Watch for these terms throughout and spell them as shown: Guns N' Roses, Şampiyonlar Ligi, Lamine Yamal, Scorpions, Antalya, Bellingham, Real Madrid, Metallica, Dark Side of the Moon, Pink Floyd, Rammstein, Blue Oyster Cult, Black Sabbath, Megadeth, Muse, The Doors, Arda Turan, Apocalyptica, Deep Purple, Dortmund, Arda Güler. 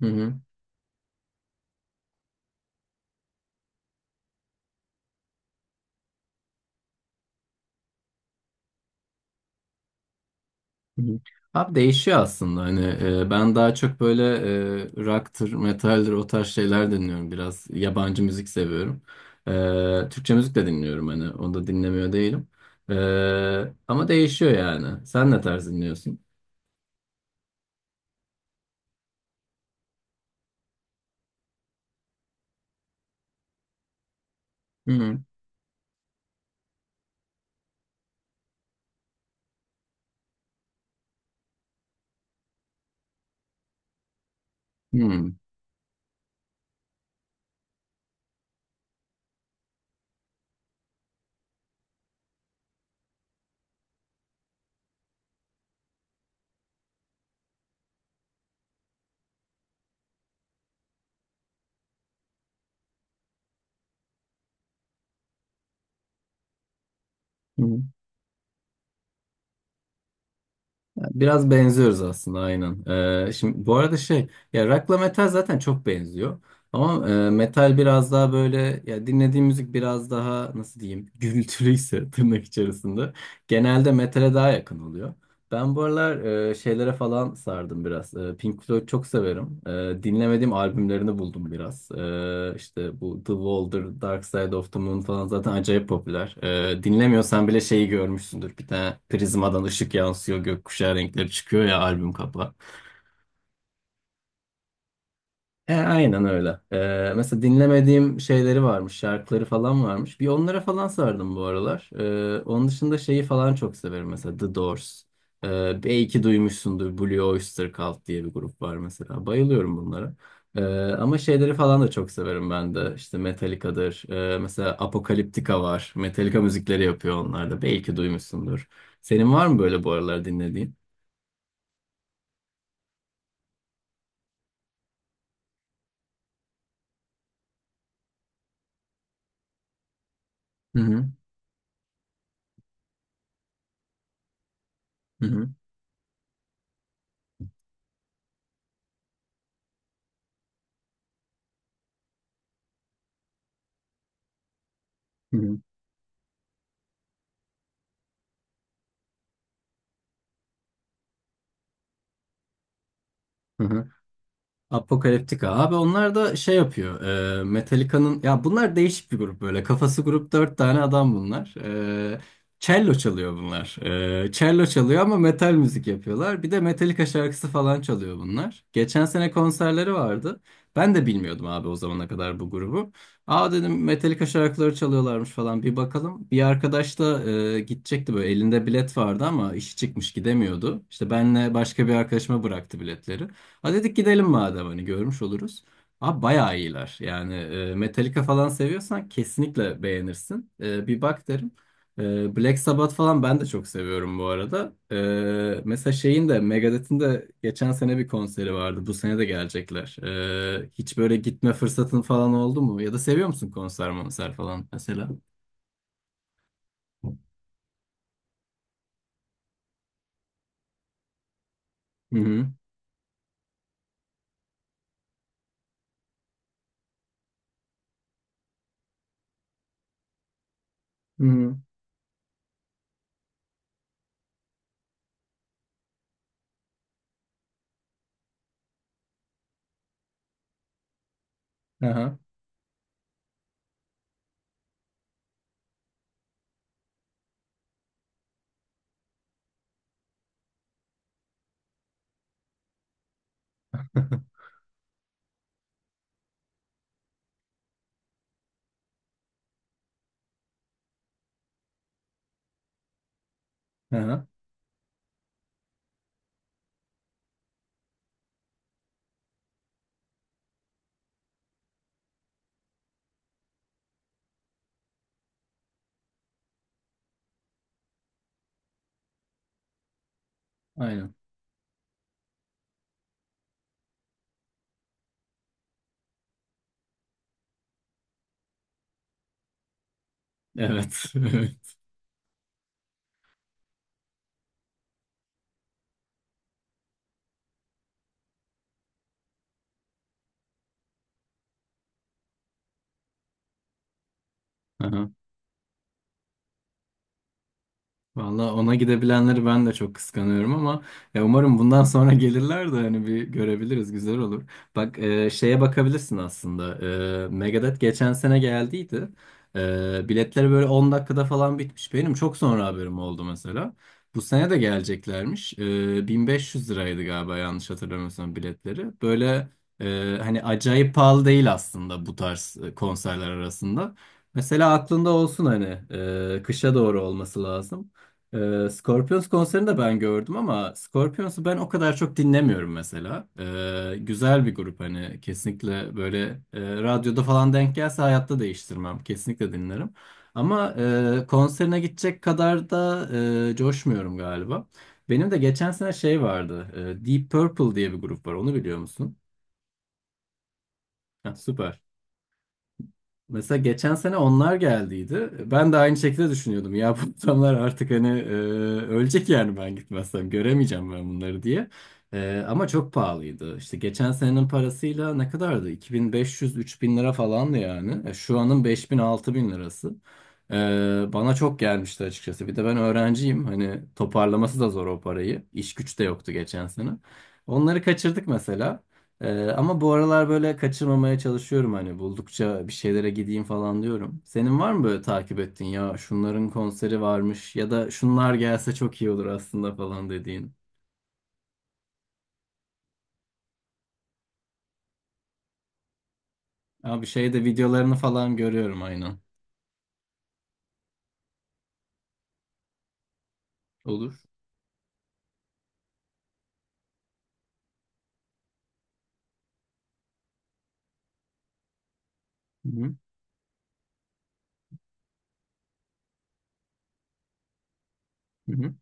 Hı hı. hı hı. Abi değişiyor aslında hani ben daha çok böyle rock'tır, metaldir o tarz şeyler dinliyorum, biraz yabancı müzik seviyorum. Türkçe müzik de dinliyorum, hani onu da dinlemiyor değilim. E, Ama değişiyor, yani sen ne tarz dinliyorsun? Hı hı. Hı hı. Biraz benziyoruz aslında, aynen. Şimdi bu arada şey, ya rock'la metal zaten çok benziyor. Ama metal biraz daha böyle, ya dinlediğim müzik biraz daha nasıl diyeyim gürültülüyse tırnak içerisinde genelde metale daha yakın oluyor. Ben bu aralar şeylere falan sardım biraz. Pink Floyd çok severim. Dinlemediğim albümlerini buldum biraz. İşte bu The Wall'dır, Dark Side of the Moon falan zaten acayip popüler. Dinlemiyorsan bile şeyi görmüşsündür. Bir tane prizmadan ışık yansıyor, gökkuşağı renkleri çıkıyor ya, albüm kapağı. Aynen öyle. Mesela dinlemediğim şeyleri varmış, şarkıları falan varmış. Bir onlara falan sardım bu aralar. Onun dışında şeyi falan çok severim mesela, The Doors. Belki duymuşsundur, Blue Oyster Cult diye bir grup var mesela. Bayılıyorum bunlara. E, Ama şeyleri falan da çok severim ben de. İşte Metallica'dır. Mesela Apocalyptica var. Metallica müzikleri yapıyor onlar da. Belki duymuşsundur. Senin var mı böyle bu aralar dinlediğin? Hı hı. Hı hı. Hı hı. Hı hı. Apocalyptica. Abi onlar da şey yapıyor. Metallica'nın, ya bunlar değişik bir grup böyle. Kafası grup, 4 tane adam bunlar. E, Cello çalıyor bunlar. Cello çalıyor ama metal müzik yapıyorlar. Bir de Metallica şarkısı falan çalıyor bunlar. Geçen sene konserleri vardı. Ben de bilmiyordum abi o zamana kadar bu grubu. Aa dedim, Metallica şarkıları çalıyorlarmış falan, bir bakalım. Bir arkadaş da gidecekti, böyle elinde bilet vardı ama işi çıkmış gidemiyordu. İşte benle başka bir arkadaşıma bıraktı biletleri. Ha dedik gidelim madem, hani görmüş oluruz. Abi bayağı iyiler. Yani Metallica falan seviyorsan kesinlikle beğenirsin. Bir bak derim. Black Sabbath falan ben de çok seviyorum bu arada. Mesela şeyin de, Megadeth'in de geçen sene bir konseri vardı. Bu sene de gelecekler. Hiç böyle gitme fırsatın falan oldu mu? Ya da seviyor musun konser monser falan mesela? Hı hı. Hı hı. Aha. Aha. Aynen. Evet. Evet. Aha. Valla ona gidebilenleri ben de çok kıskanıyorum ama ya umarım bundan sonra gelirler de hani bir görebiliriz, güzel olur. Bak şeye bakabilirsin aslında. Megadeth geçen sene geldiydi. Biletleri böyle 10 dakikada falan bitmiş. Benim çok sonra haberim oldu mesela. Bu sene de geleceklermiş. 1500 liraydı galiba, yanlış hatırlamıyorsam biletleri. Böyle hani acayip pahalı değil aslında bu tarz konserler arasında. Mesela aklında olsun, hani kışa doğru olması lazım. Scorpions konserini de ben gördüm ama Scorpions'u ben o kadar çok dinlemiyorum mesela. Güzel bir grup hani, kesinlikle böyle radyoda falan denk gelse hayatta değiştirmem. Kesinlikle dinlerim. Ama konserine gidecek kadar da coşmuyorum galiba. Benim de geçen sene şey vardı. Deep Purple diye bir grup var. Onu biliyor musun? Heh, süper. Mesela geçen sene onlar geldiydi. Ben de aynı şekilde düşünüyordum. Ya bu adamlar artık hani ölecek yani, ben gitmezsem göremeyeceğim ben bunları diye. Ama çok pahalıydı. İşte geçen senenin parasıyla ne kadardı? 2500-3000 lira falandı yani. Şu anın 5000-6000 lirası. E, Bana çok gelmişti açıkçası. Bir de ben öğrenciyim. Hani toparlaması da zor o parayı. İş güç de yoktu geçen sene. Onları kaçırdık mesela. Ama bu aralar böyle kaçırmamaya çalışıyorum, hani buldukça bir şeylere gideyim falan diyorum. Senin var mı böyle takip ettiğin, ya şunların konseri varmış ya da şunlar gelse çok iyi olur aslında falan dediğin? Abi şeyde videolarını falan görüyorum, aynen. Olur. Hı hı. Hı hı.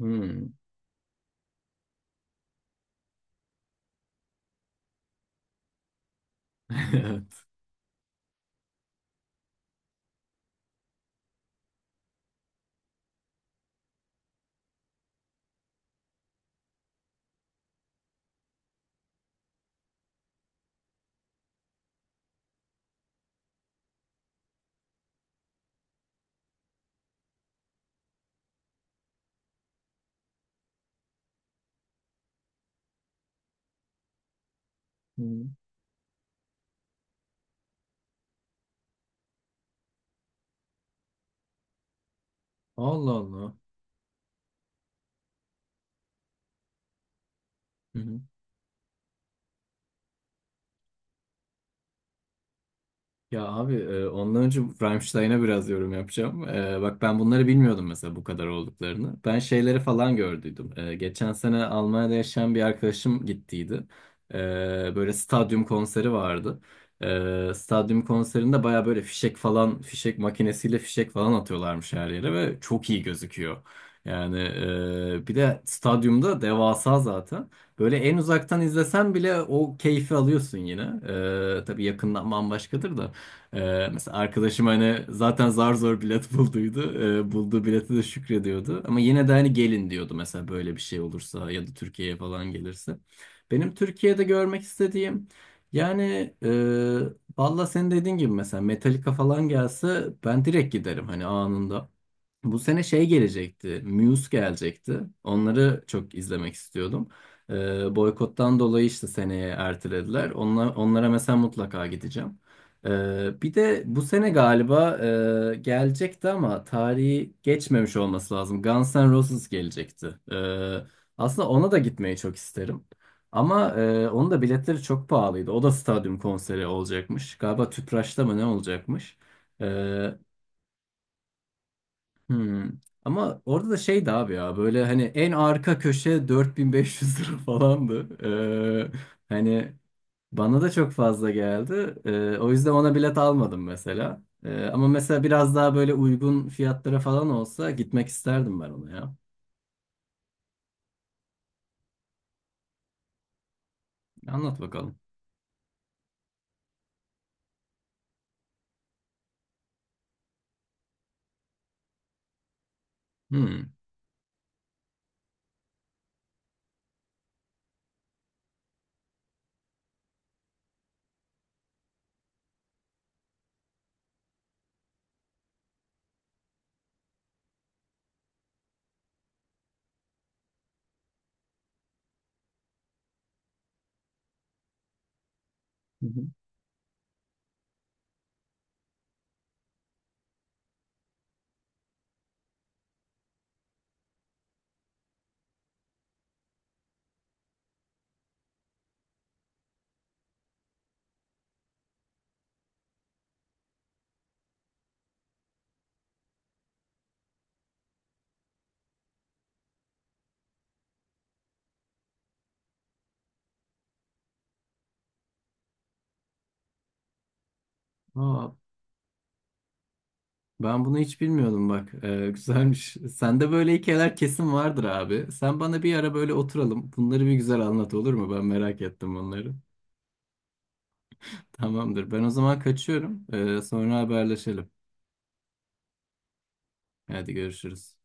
Hı. Evet. Hı. Allah Allah. Ya abi ondan önce Rammstein'a biraz yorum yapacağım. Bak ben bunları bilmiyordum mesela, bu kadar olduklarını. Ben şeyleri falan gördüydüm. Geçen sene Almanya'da yaşayan bir arkadaşım gittiydi. E, Böyle stadyum konseri vardı. Stadyum konserinde baya böyle fişek falan, fişek makinesiyle fişek falan atıyorlarmış her yere ve çok iyi gözüküyor. Yani bir de stadyumda devasa zaten. Böyle en uzaktan izlesen bile o keyfi alıyorsun yine. Tabii yakından bambaşkadır da. Mesela arkadaşım hani zaten zar zor bilet bulduydu. Bulduğu bileti de şükrediyordu. Ama yine de hani gelin diyordu mesela, böyle bir şey olursa ya da Türkiye'ye falan gelirse. Benim Türkiye'de görmek istediğim yani valla senin dediğin gibi mesela Metallica falan gelse ben direkt giderim, hani anında. Bu sene şey gelecekti, Muse gelecekti. Onları çok izlemek istiyordum. Boykottan dolayı işte seneye ertelediler. Onlara mesela mutlaka gideceğim. Bir de bu sene galiba gelecekti ama tarihi geçmemiş olması lazım. Guns N' Roses gelecekti. Ee, Aslında ona da gitmeyi çok isterim. Ama onun da biletleri çok pahalıydı. O da stadyum konseri olacakmış. Galiba Tüpraş'ta mı ne olacakmış? Ee, Hmm. Ama orada da şeydi abi ya, böyle hani en arka köşe 4500 lira falandı. Hani bana da çok fazla geldi. O yüzden ona bilet almadım mesela. Ama mesela biraz daha böyle uygun fiyatlara falan olsa gitmek isterdim ben ona ya. Anlat bakalım. Hmm. Hı hı. Aa, ben bunu hiç bilmiyordum bak. Güzelmiş. Sende böyle hikayeler kesin vardır abi. Sen bana bir ara böyle oturalım. Bunları bir güzel anlat, olur mu? Ben merak ettim bunları. Tamamdır. Ben o zaman kaçıyorum. Sonra haberleşelim. Hadi görüşürüz.